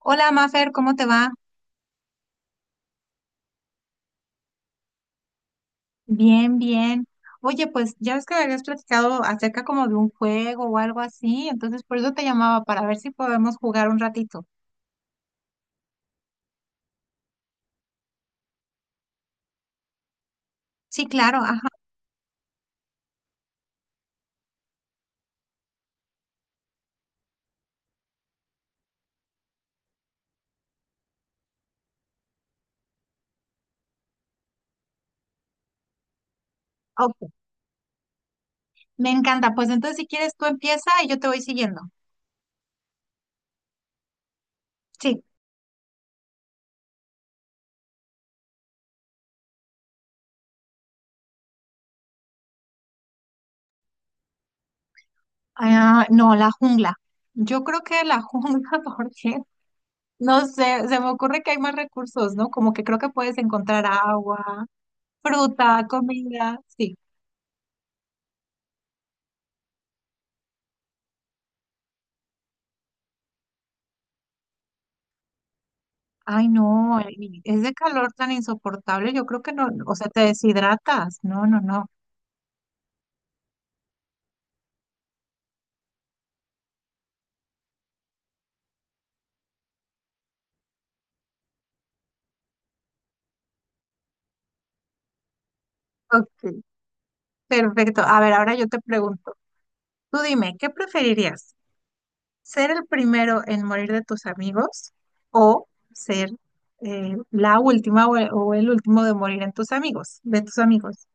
Hola, Mafer, ¿cómo te va? Bien, bien. Oye, pues ya ves que me habías platicado acerca como de un juego o algo así, entonces por eso te llamaba para ver si podemos jugar un ratito. Sí, claro, ajá. Ok, me encanta. Pues entonces si quieres tú empieza y yo te voy siguiendo. Sí. Ah, no, la jungla. Yo creo que la jungla porque no sé, se me ocurre que hay más recursos, ¿no? Como que creo que puedes encontrar agua, fruta, comida, sí. Ay, no, y ese calor tan insoportable, yo creo que no, o sea, te deshidratas. No, no, no. Ok. Perfecto. A ver, ahora yo te pregunto, tú dime, ¿qué preferirías? ¿Ser el primero en morir de tus amigos o ser la última o el último de morir en tus amigos, de tus amigos?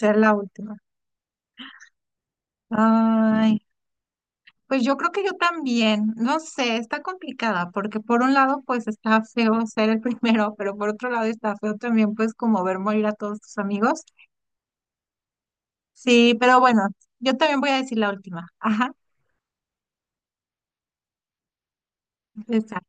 Ser la última. Ay, pues yo creo que yo también, no sé, está complicada porque por un lado pues está feo ser el primero, pero por otro lado está feo también pues como ver morir a todos tus amigos. Sí, pero bueno, yo también voy a decir la última. Ajá, esa.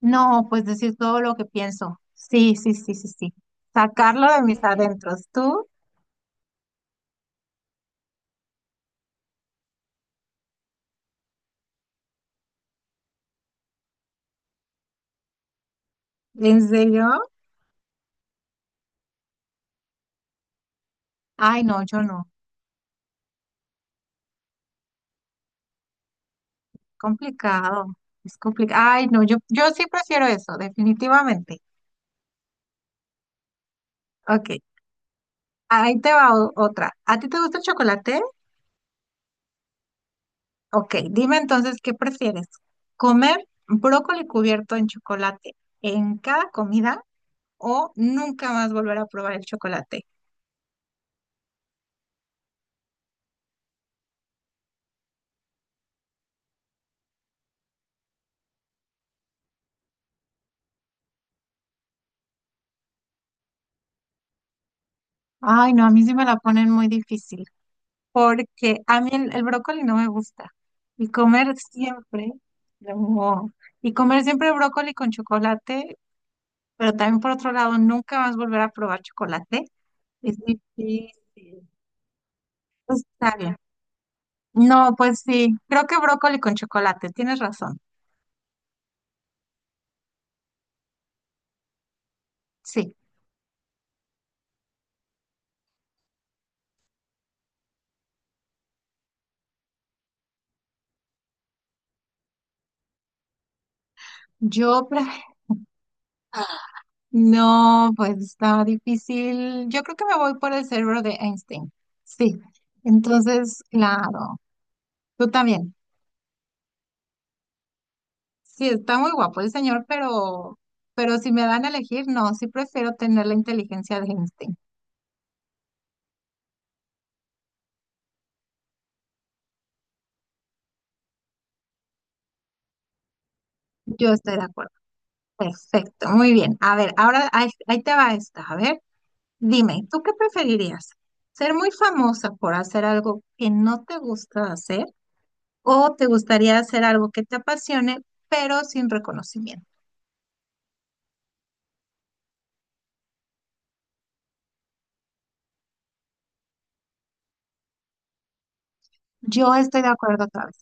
No, pues decir todo lo que pienso. Sí, sí, sí, sí, sí. Sacarlo de mis adentros. ¿Tú? ¿En serio? Ay, no, yo no. Complicado. Es complicado. Ay, no, yo sí prefiero eso, definitivamente. Ok, ahí te va otra. ¿A ti te gusta el chocolate? Ok, dime entonces, ¿qué prefieres? ¿Comer brócoli cubierto en chocolate en cada comida o nunca más volver a probar el chocolate? Ay, no, a mí sí me la ponen muy difícil porque a mí el brócoli no me gusta y comer siempre, no, y comer siempre brócoli con chocolate, pero también por otro lado, nunca más volver a probar chocolate es difícil. Está bien. No, pues sí, creo que brócoli con chocolate, tienes razón. Sí, yo no, pues está difícil. Yo creo que me voy por el cerebro de Einstein. Sí. Entonces, claro, tú también. Sí, está muy guapo el señor, pero si me dan a elegir, no, sí prefiero tener la inteligencia de Einstein. Yo estoy de acuerdo. Perfecto, muy bien. A ver, ahora ahí, ahí te va esta. A ver, dime, ¿tú qué preferirías? ¿Ser muy famosa por hacer algo que no te gusta hacer o te gustaría hacer algo que te apasione, pero sin reconocimiento? Yo estoy de acuerdo otra vez.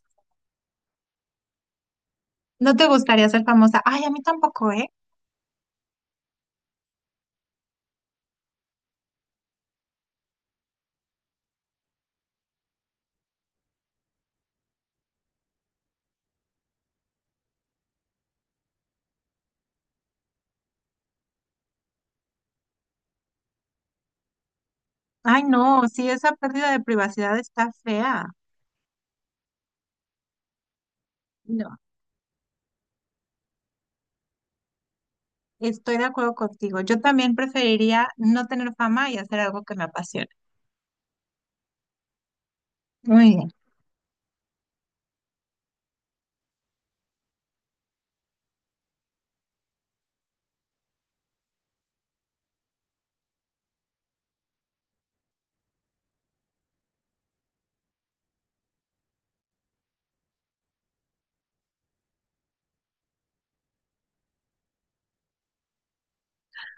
No te gustaría ser famosa. Ay, a mí tampoco, ¿eh? Ay, no, sí, esa pérdida de privacidad está fea. No, estoy de acuerdo contigo. Yo también preferiría no tener fama y hacer algo que me apasione. Muy bien.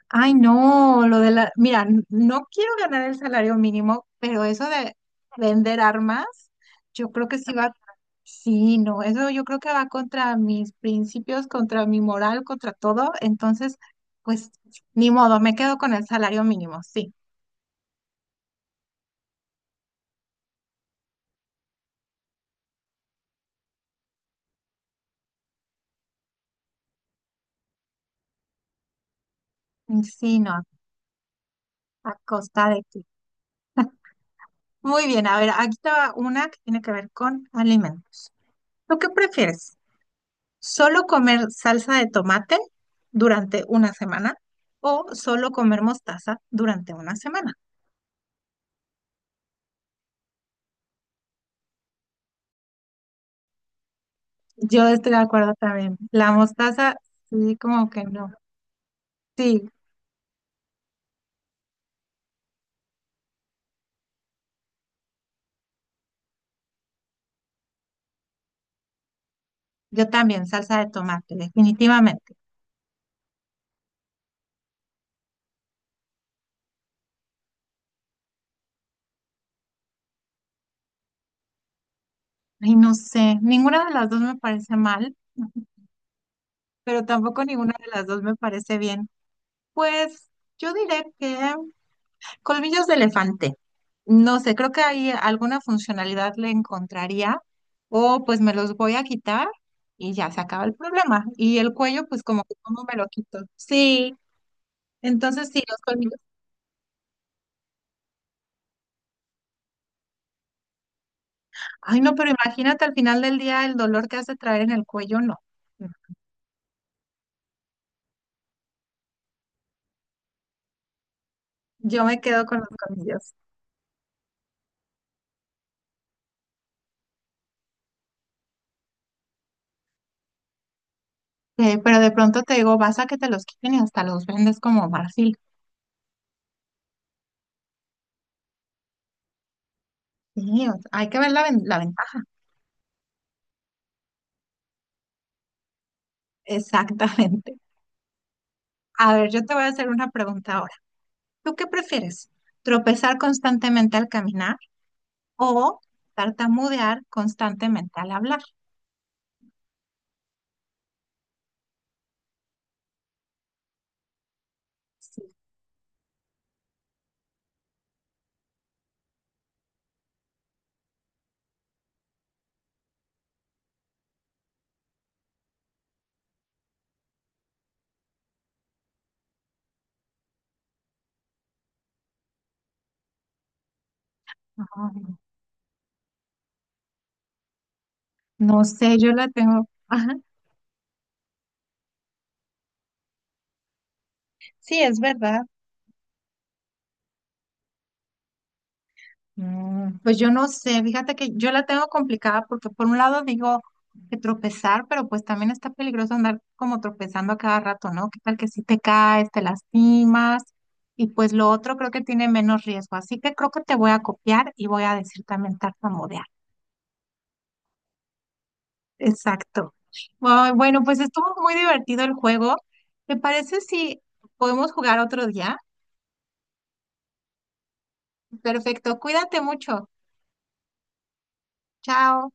Ay, no, lo de la, mira, no quiero ganar el salario mínimo, pero eso de vender armas, yo creo que sí va, sí, no, eso yo creo que va contra mis principios, contra mi moral, contra todo, entonces, pues, ni modo, me quedo con el salario mínimo, sí, sí, no, a costa de ti. Muy bien, a ver, aquí está una que tiene que ver con alimentos. ¿Tú qué prefieres? ¿Solo comer salsa de tomate durante una semana o solo comer mostaza durante una semana? Yo estoy de acuerdo también. La mostaza, sí, como que no. Sí, yo también, salsa de tomate, definitivamente. Ay, no sé, ninguna de las dos me parece mal, pero tampoco ninguna de las dos me parece bien. Pues yo diré que colmillos de elefante. No sé, creo que ahí alguna funcionalidad le encontraría o pues me los voy a quitar y ya se acaba el problema. Y el cuello, pues como que cómo me lo quito. Sí, entonces sí, los colmillos. Ay, no, pero imagínate al final del día el dolor que has de traer en el cuello, no. Yo me quedo con los colmillos. Pero de pronto te digo, vas a que te los quiten y hasta los vendes como marfil. Sí, o sea, hay que ver la, la ventaja. Exactamente. A ver, yo te voy a hacer una pregunta ahora. ¿Tú qué prefieres? ¿Tropezar constantemente al caminar o tartamudear constantemente al hablar? Sí. Ay, no sé, yo la tengo. Ajá. Sí, es verdad. Mm, pues yo no sé, fíjate que yo la tengo complicada porque por un lado digo que tropezar, pero pues también está peligroso andar como tropezando a cada rato, ¿no? ¿Qué tal que si te caes, te lastimas? Y pues lo otro creo que tiene menos riesgo, así que creo que te voy a copiar y voy a decir también tartamudear. Exacto. Ay, bueno, pues estuvo muy divertido el juego. ¿Te parece si podemos jugar otro día? Perfecto, cuídate mucho. Chao.